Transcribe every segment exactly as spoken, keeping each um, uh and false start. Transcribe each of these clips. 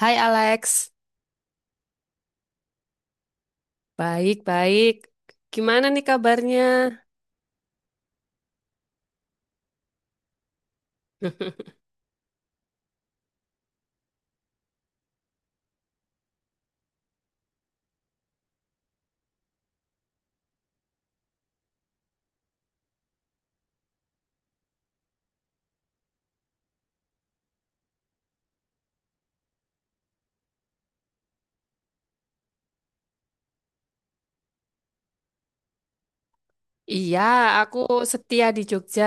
Hai Alex, baik-baik. Gimana nih kabarnya? Iya, aku setia di Jogja.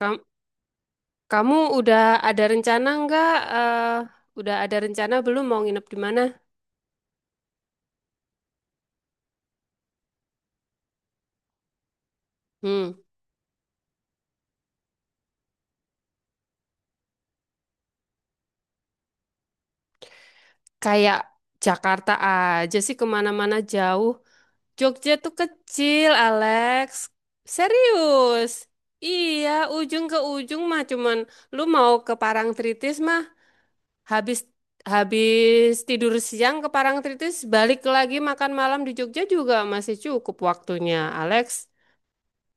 Kam- Kamu, udah ada rencana nggak? Eh, udah ada rencana belum mau nginep di mana? Hmm, kayak Jakarta aja sih kemana-mana jauh. Jogja tuh kecil, Alex. Serius? Iya, ujung ke ujung mah cuman lu mau ke Parangtritis mah Habis habis tidur siang ke Parangtritis, balik lagi makan malam di Jogja juga masih cukup waktunya, Alex.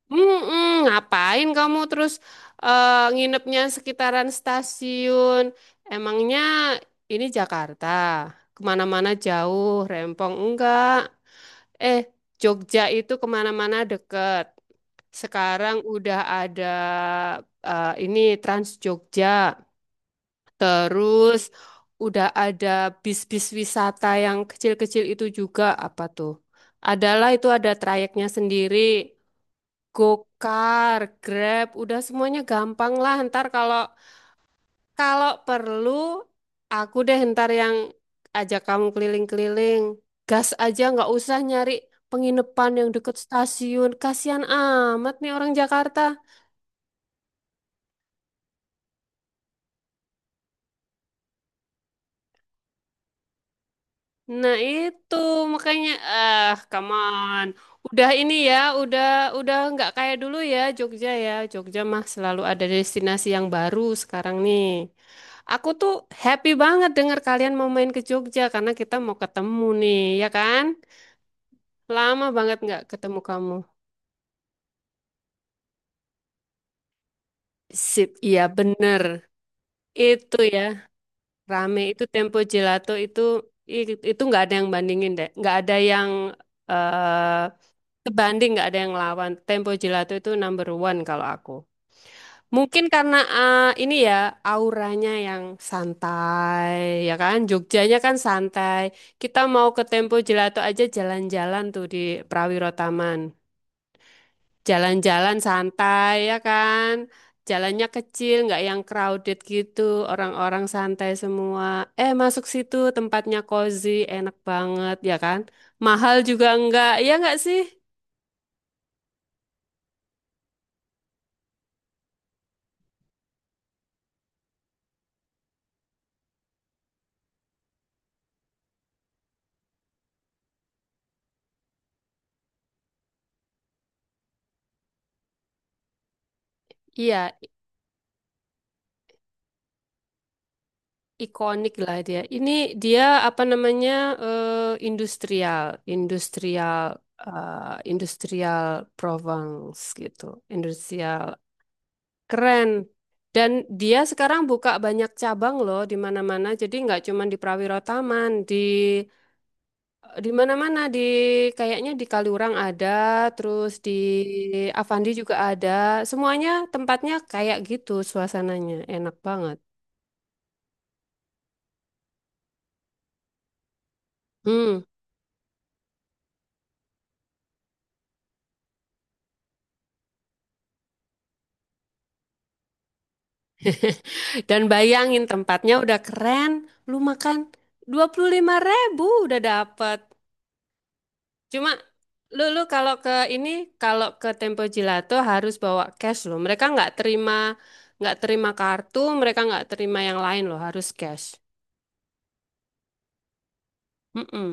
Mm-mm, ngapain kamu terus eh, nginepnya sekitaran stasiun? Emangnya ini Jakarta, kemana-mana jauh, rempong enggak? Eh, Jogja itu kemana-mana deket. Sekarang udah ada eh, ini Trans Jogja. Terus udah ada bis-bis wisata yang kecil-kecil itu juga apa tuh? Adalah itu ada trayeknya sendiri, Gokar, Grab, udah semuanya gampang lah. Ntar kalau kalau perlu aku deh ntar yang ajak kamu keliling-keliling. Gas aja nggak usah nyari penginapan yang deket stasiun. Kasihan amat nih orang Jakarta. Nah itu makanya ah come on. Udah ini ya, udah udah nggak kayak dulu ya Jogja ya. Jogja mah selalu ada destinasi yang baru sekarang nih. Aku tuh happy banget denger kalian mau main ke Jogja karena kita mau ketemu nih, ya kan? Lama banget nggak ketemu kamu. Sip, iya bener. Itu ya, rame itu Tempo Gelato itu i- itu nggak ada yang bandingin deh. Nggak ada yang eh, sebanding nggak ada yang lawan. Tempo Gelato itu number one kalau aku. Mungkin karena eh, ini ya auranya yang santai, ya kan? Jogjanya kan santai. Kita mau ke Tempo Gelato aja jalan-jalan tuh di Prawiro Taman. Jalan-jalan santai ya kan? Jalannya kecil, nggak yang crowded gitu. Orang-orang santai semua. Eh masuk situ tempatnya cozy, enak banget ya kan? Mahal juga enggak, ya nggak sih? Iya, ikonik lah dia. Ini dia apa namanya eh, industrial, industrial, eh, industrial Provence gitu, industrial keren. Dan dia sekarang buka banyak cabang loh di mana-mana. Jadi nggak cuma di Prawiro Taman, di di mana-mana di kayaknya di Kaliurang ada, terus di Avandi juga ada. Semuanya tempatnya kayak gitu, suasananya enak banget. Hmm. Dan bayangin tempatnya udah keren, lu makan dua puluh lima ribu udah dapet. Cuma lu, lu kalau ke ini, kalau ke Tempo Gelato harus bawa cash loh. Mereka nggak terima, nggak terima kartu, mereka nggak terima yang lain loh, harus cash. Mm-mm,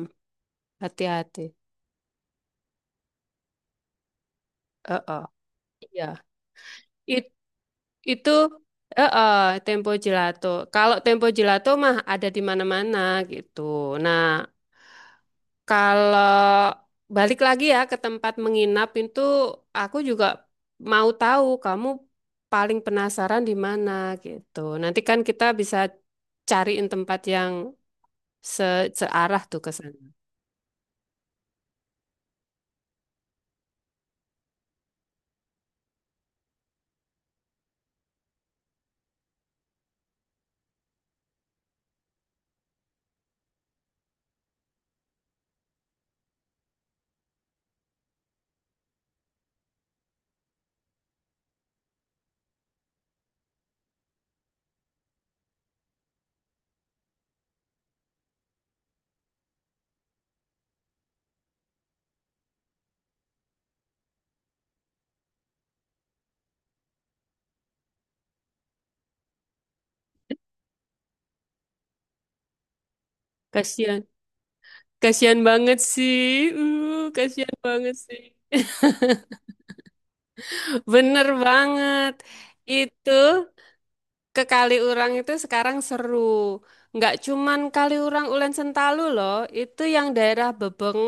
hati-hati. Heeh. Iya. It- itu heeh, Tempo Gelato. Kalau Tempo Gelato mah ada di mana-mana gitu. Nah, kalau balik lagi ya ke tempat menginap itu, aku juga mau tahu kamu paling penasaran di mana gitu. Nanti kan kita bisa cariin tempat yang se- searah tuh ke sana. Kasihan, kasihan banget sih. Uh, kasihan banget sih. Bener banget. Itu ke Kaliurang itu sekarang seru. Nggak cuman Kaliurang Ulen Sentalu loh, itu yang daerah Bebeng,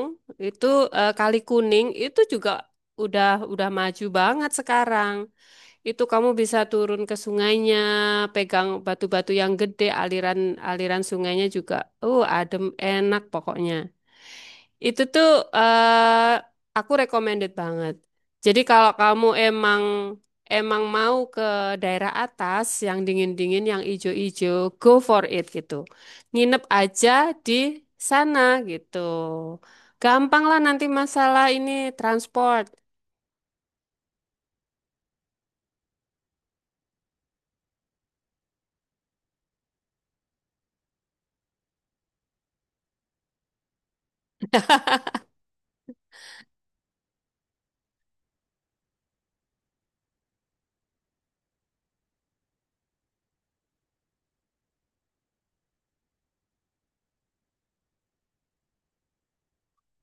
itu eh, Kali Kuning itu juga udah udah maju banget sekarang. Itu kamu bisa turun ke sungainya, pegang batu-batu yang gede, aliran-aliran sungainya juga. Uh, adem, enak pokoknya. Itu tuh eh aku recommended banget. Jadi kalau kamu emang emang mau ke daerah atas yang dingin-dingin, yang ijo-ijo, go for it gitu. Nginep aja di sana gitu. Gampang lah nanti masalah ini transport.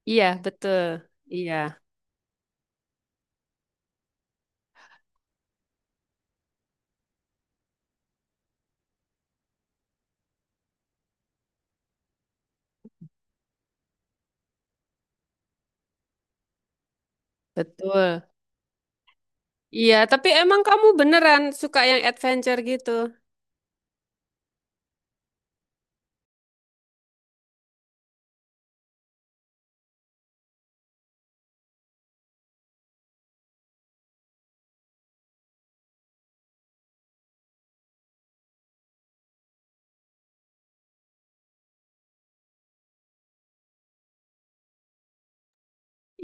Iya, betul. Iya. Betul. Iya, tapi emang kamu beneran suka yang adventure gitu.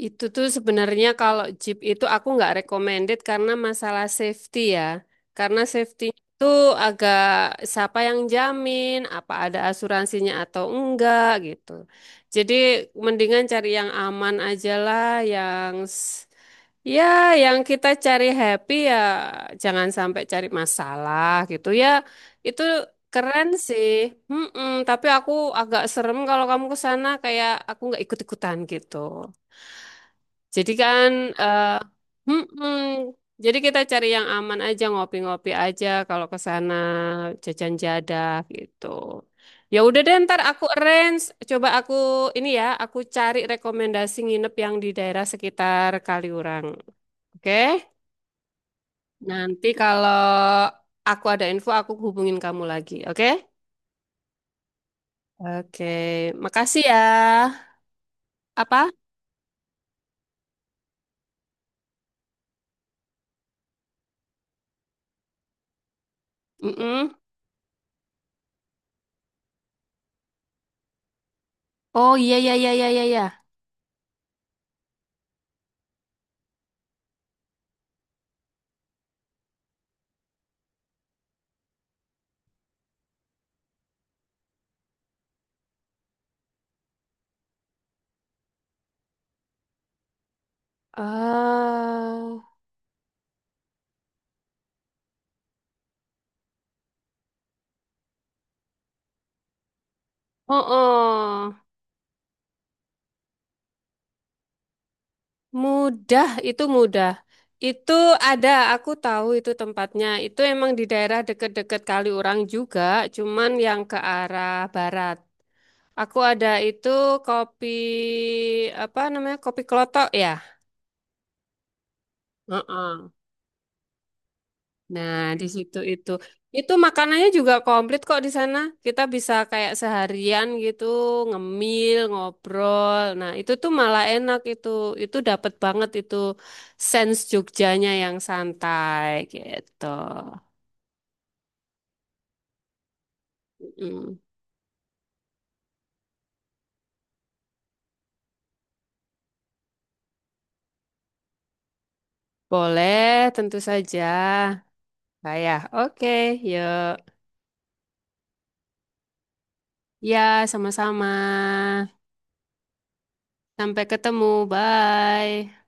Itu tuh sebenarnya kalau Jeep itu aku nggak recommended karena masalah safety ya. Karena safety itu agak siapa yang jamin, apa ada asuransinya atau enggak gitu. Jadi mendingan cari yang aman aja lah, yang Ya, yang kita cari happy ya jangan sampai cari masalah gitu ya. Itu keren sih. Mm-mm, tapi aku agak serem kalau kamu ke sana kayak aku nggak ikut-ikutan gitu. Jadi kan eh mm-mm, jadi kita cari yang aman aja, ngopi-ngopi aja kalau ke sana jajan jadah gitu. Ya udah deh ntar aku arrange, coba aku ini ya, aku cari rekomendasi nginep yang di daerah sekitar Kaliurang. Oke? Nanti kalau aku ada info, aku hubungin kamu lagi, oke? Oke, makasih ya. Apa? Mm-mm. Oh iya iya iya iya iya. Iya. Eh, oh, oh, mudah itu mudah. Itu ada, aku tahu itu tempatnya. Itu emang di daerah deket-deket Kaliurang juga, cuman yang ke arah barat. Aku ada itu kopi apa namanya kopi kelotok ya. Heeh. Nah, di situ itu. Itu makanannya juga komplit kok di sana. Kita bisa kayak seharian gitu, ngemil, ngobrol. Nah, itu tuh malah enak itu. Itu dapet banget itu sense Jogjanya yang santai gitu. Mm. Boleh, tentu saja. Bayah. Oke, yuk. Ya, sama-sama. Sampai ketemu. Bye.